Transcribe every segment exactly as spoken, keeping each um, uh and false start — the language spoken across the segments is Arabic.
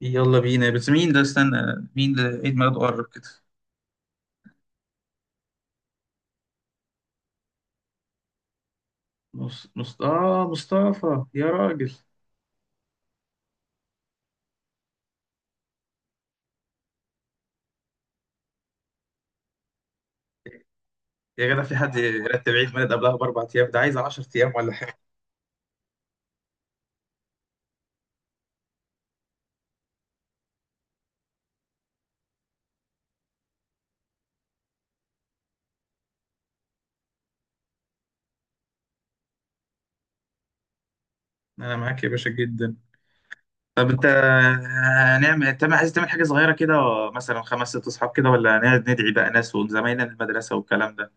يلا بينا، بس مين ده؟ استنى، مين ده عيد ميلاده قرب كده؟ مص... مص... آه مصطفى يا راجل. يا جدع، في حد يرتب عيد ميلاد قبلها بأربع أيام؟ ده عايز 10 أيام ولا حاجة. أنا معاك يا باشا جدا. طب أنت، هنعمل، أنت عايز تعمل حاجة صغيرة كده؟ مثلا خمس ست أصحاب كده، ولا هنقعد ندعي بقى ناس وزمايلنا من المدرسة والكلام ده؟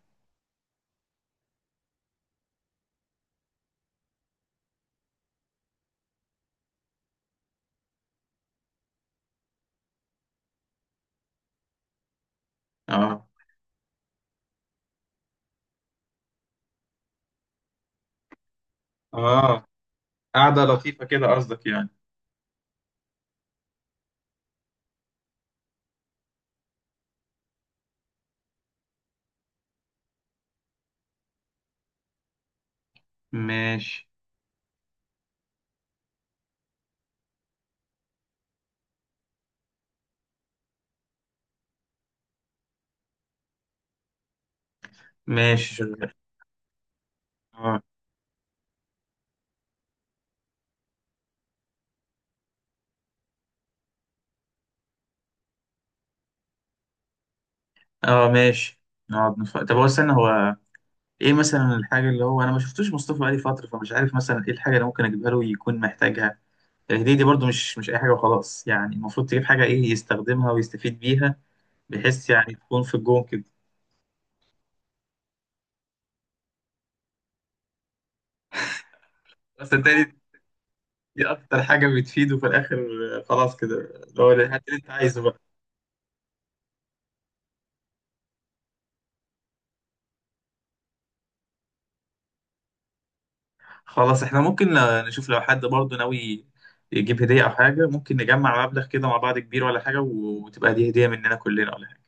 آه. آه. قعدة لطيفة كده قصدك يعني؟ ماشي. ماشي شغال. آه. آه. ماشي. نقعد نف... طب هو، استنى. هو ايه مثلا الحاجه اللي هو، انا ما شفتوش مصطفى بقالي فتره، فمش عارف مثلا ايه الحاجه اللي ممكن اجيبها له يكون محتاجها. الهديه دي برضو مش مش اي حاجه وخلاص يعني، المفروض تجيب حاجه ايه يستخدمها ويستفيد بيها. بحيث يعني تكون في الجون كده. بس تاني، دي اكتر حاجه بتفيده في الاخر. خلاص كده، اللي هو الحاجه اللي انت عايزه بقى. خلاص، احنا ممكن نشوف لو حد برضو ناوي يجيب هديه او حاجه، ممكن نجمع مبلغ كده مع بعض كبير ولا حاجه، وتبقى دي هديه مننا كلنا ولا حاجه.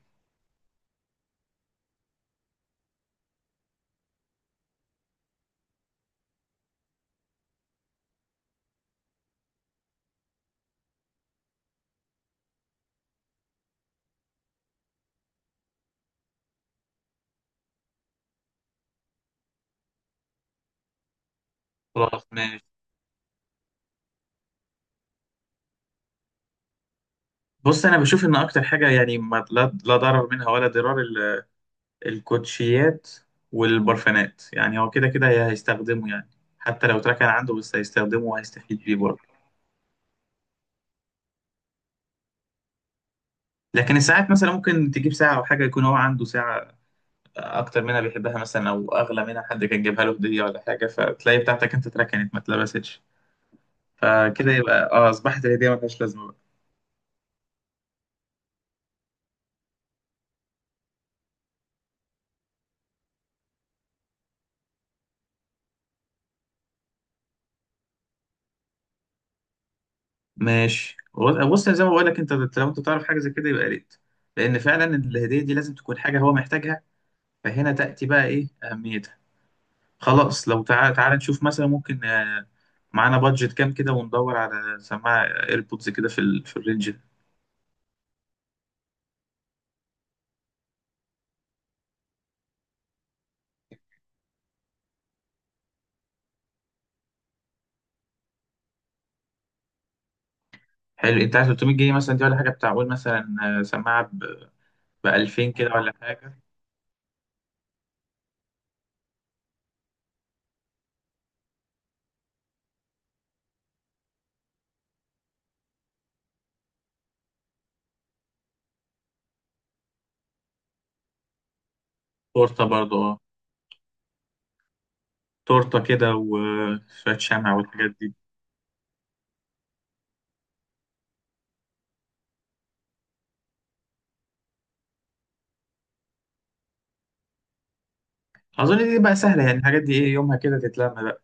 خلاص. بص، انا بشوف ان اكتر حاجه يعني ما لا لا ضرر منها ولا ضرار ال- الكوتشيات والبرفانات، يعني هو كده كده هي- هيستخدمه يعني. حتى لو اتركن عنده بس هيستخدمه وهيستفيد بيه برضه. لكن الساعات مثلا، ممكن تجيب ساعه او حاجه يكون هو عنده ساعه اكتر منها بيحبها مثلا، او اغلى منها حد كان جايبها له هديه ولا حاجه، فتلاقي بتاعتك انت اتركنت ما اتلبستش. فكده يبقى اه اصبحت الهديه ما فيهاش لازمه بقى. ماشي. بص، زي ما بقول لك، انت لو انت تعرف حاجه زي كده يبقى يا ريت، لان فعلا الهديه دي لازم تكون حاجه هو محتاجها. فهنا تأتي بقى إيه أهميتها. خلاص، لو تعالى تعالى نشوف مثلا ممكن آه، معانا بادجت كام كده وندور على سماعة ايربودز كده في ال... في الرينج ده. حلو. أنت عايز تلتمية جنيه مثلا دي ولا حاجة بتاع؟ قول مثلا آه، سماعة ب ألفين كده ولا حاجة. تورتة برضه أه. تورتة كده وشوية شمع والحاجات دي. أظن دي بقى سهلة يعني، الحاجات دي إيه يومها كده تتلم بقى.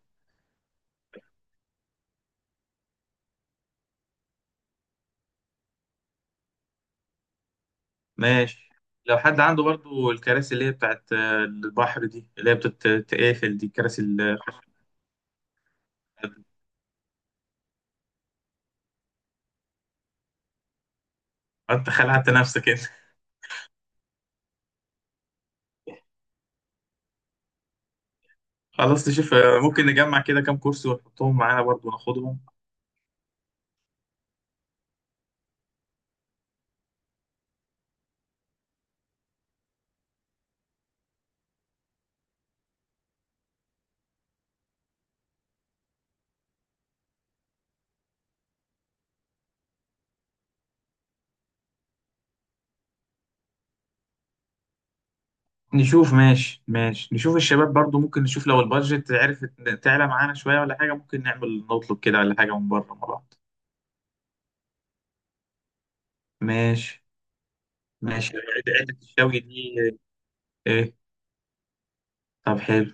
ماشي. لو حد عنده برضه الكراسي اللي هي بتاعت آه، البحر دي اللي هي بتتقافل دي، الكراسي اللي، انت خلعت نفسك انت. خلاص، نشوف آه، ممكن نجمع كده كام كرسي ونحطهم معانا برضو ناخدهم. نشوف. ماشي. ماشي نشوف الشباب برضو، ممكن نشوف لو البادجت عرفت تعلى معانا شوية ولا حاجة، ممكن نعمل نطلب كده ولا حاجة من بره مع بعض. ماشي. ماشي عد- عدة الشوي دي آه، ايه؟ طب حلو.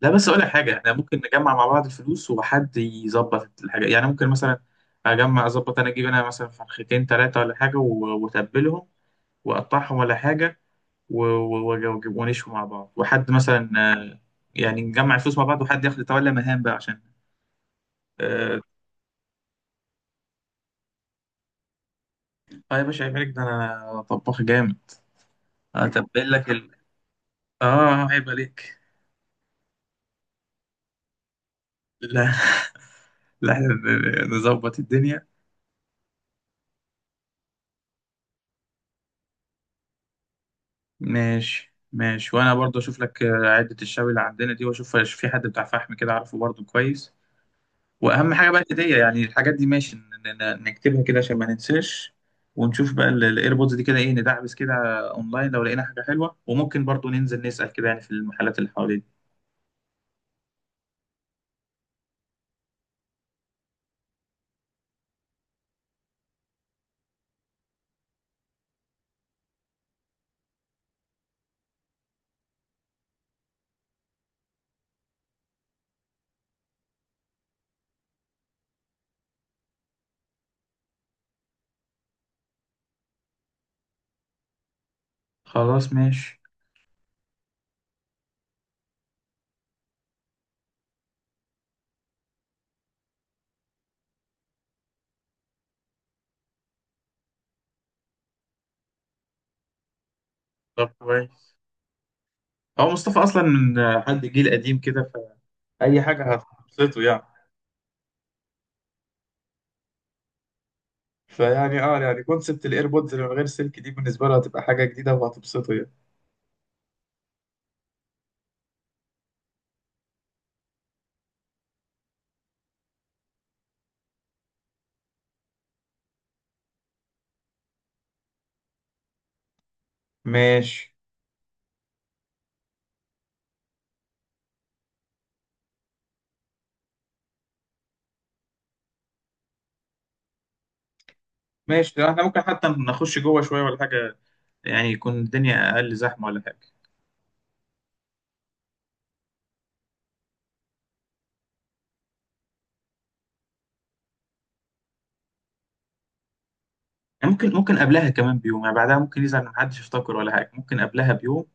لا، بس اقول لك حاجة، احنا ممكن نجمع مع بعض الفلوس وحد يظبط الحاجة يعني، ممكن مثلا اجمع اظبط انا، اجيب انا مثلا فرختين ثلاثة ولا حاجة و- واتبلهم واقطعهم ولا حاجة و- و- وج- ونشوي مع بعض، وحد مثلا آه، يعني نجمع الفلوس مع بعض، وحد ياخد يتولى مهام بقى عشان. اه. آه يا باشا عيب عليك، ده انا طباخ جامد. هتبين لك ال... اه عيب عليك. لا، لا، إحنا ن- نظبط الدنيا. ماشي. ماشي، وانا برضو اشوف لك آه، عدة الشوي اللي عندنا دي واشوف في حد بتاع فحم كده عارفه برضو كويس. واهم حاجه بقى الهديه، يعني الحاجات دي ماشي ن- ن- نكتبها كده عشان ما ننساش. ونشوف بقى الايربودز دي كده ايه، ندعبس كده اونلاين لو لقينا حاجه حلوه، وممكن برضو ننزل نسال كده يعني في المحلات اللي حوالينا. خلاص. ماشي. طب كويس. هو مصطفى اصلا من حد جيل قديم كده، فاي حاجه هتبسطه يعني. فيعني اه يعني كونسبت الايربودز اللي من غير سلك دي بالنسبه له هتبقى حاجه جديده وهتبسطه يعني. ماشي. ماشي، ده احنا ممكن حتى نخش جوه شويه ولا حاجه، يعني يكون الدنيا اقل زحمه ولا حاجه. يعني ممكن ممكن قبلها كمان بيوم يعني، بعدها ممكن يزعل ان محدش يفتكر ولا حاجه، ممكن قبلها بيوم.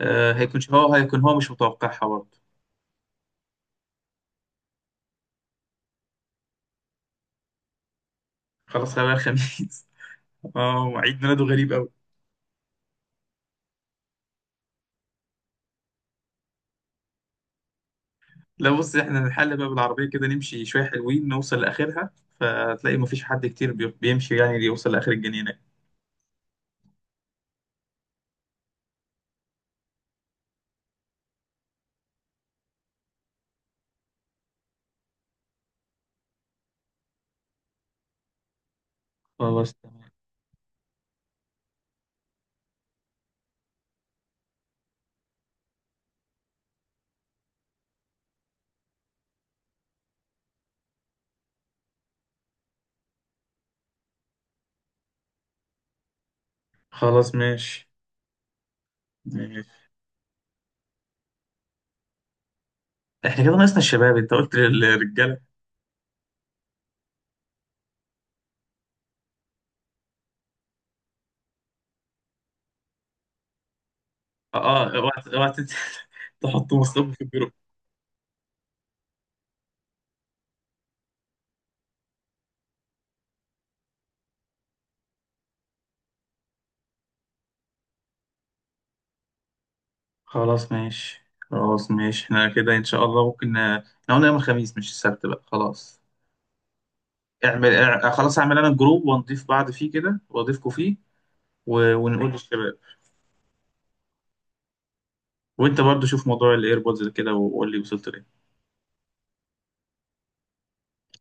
آه، هيكون هو هيكون هو مش متوقعها برضه. خلاص، خلال الخميس. اه عيد ميلاده غريب قوي. لا، بص احنا نحل بقى بالعربيه كده، نمشي شويه حلوين نوصل لاخرها. فتلاقي مفيش حد كتير بي- بيمشي يعني يوصل لاخر الجنينه. خلاص تمام. خلاص ماشي. ماشي. احنا كده ناقصنا الشباب، انت قلت للرجاله؟ اه. آه، اوعى اوعى تنسى تحطوا مصطفى في الجروب. خلاص ماشي. خلاص ماشي، احنا كده ان شاء الله ممكن ن- احنا قلنا يوم الخميس مش السبت بقى خلاص. اعمل اع- خلاص اعمل انا جروب، ونضيف بعض فيه كده واضيفكم فيه. و... ونقول للشباب. وانت برضو شوف موضوع الايربودز كده وقول لي وصلت ليه.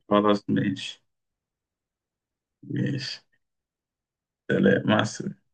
خلاص ماشي. ماشي. سلام، مع السلامة.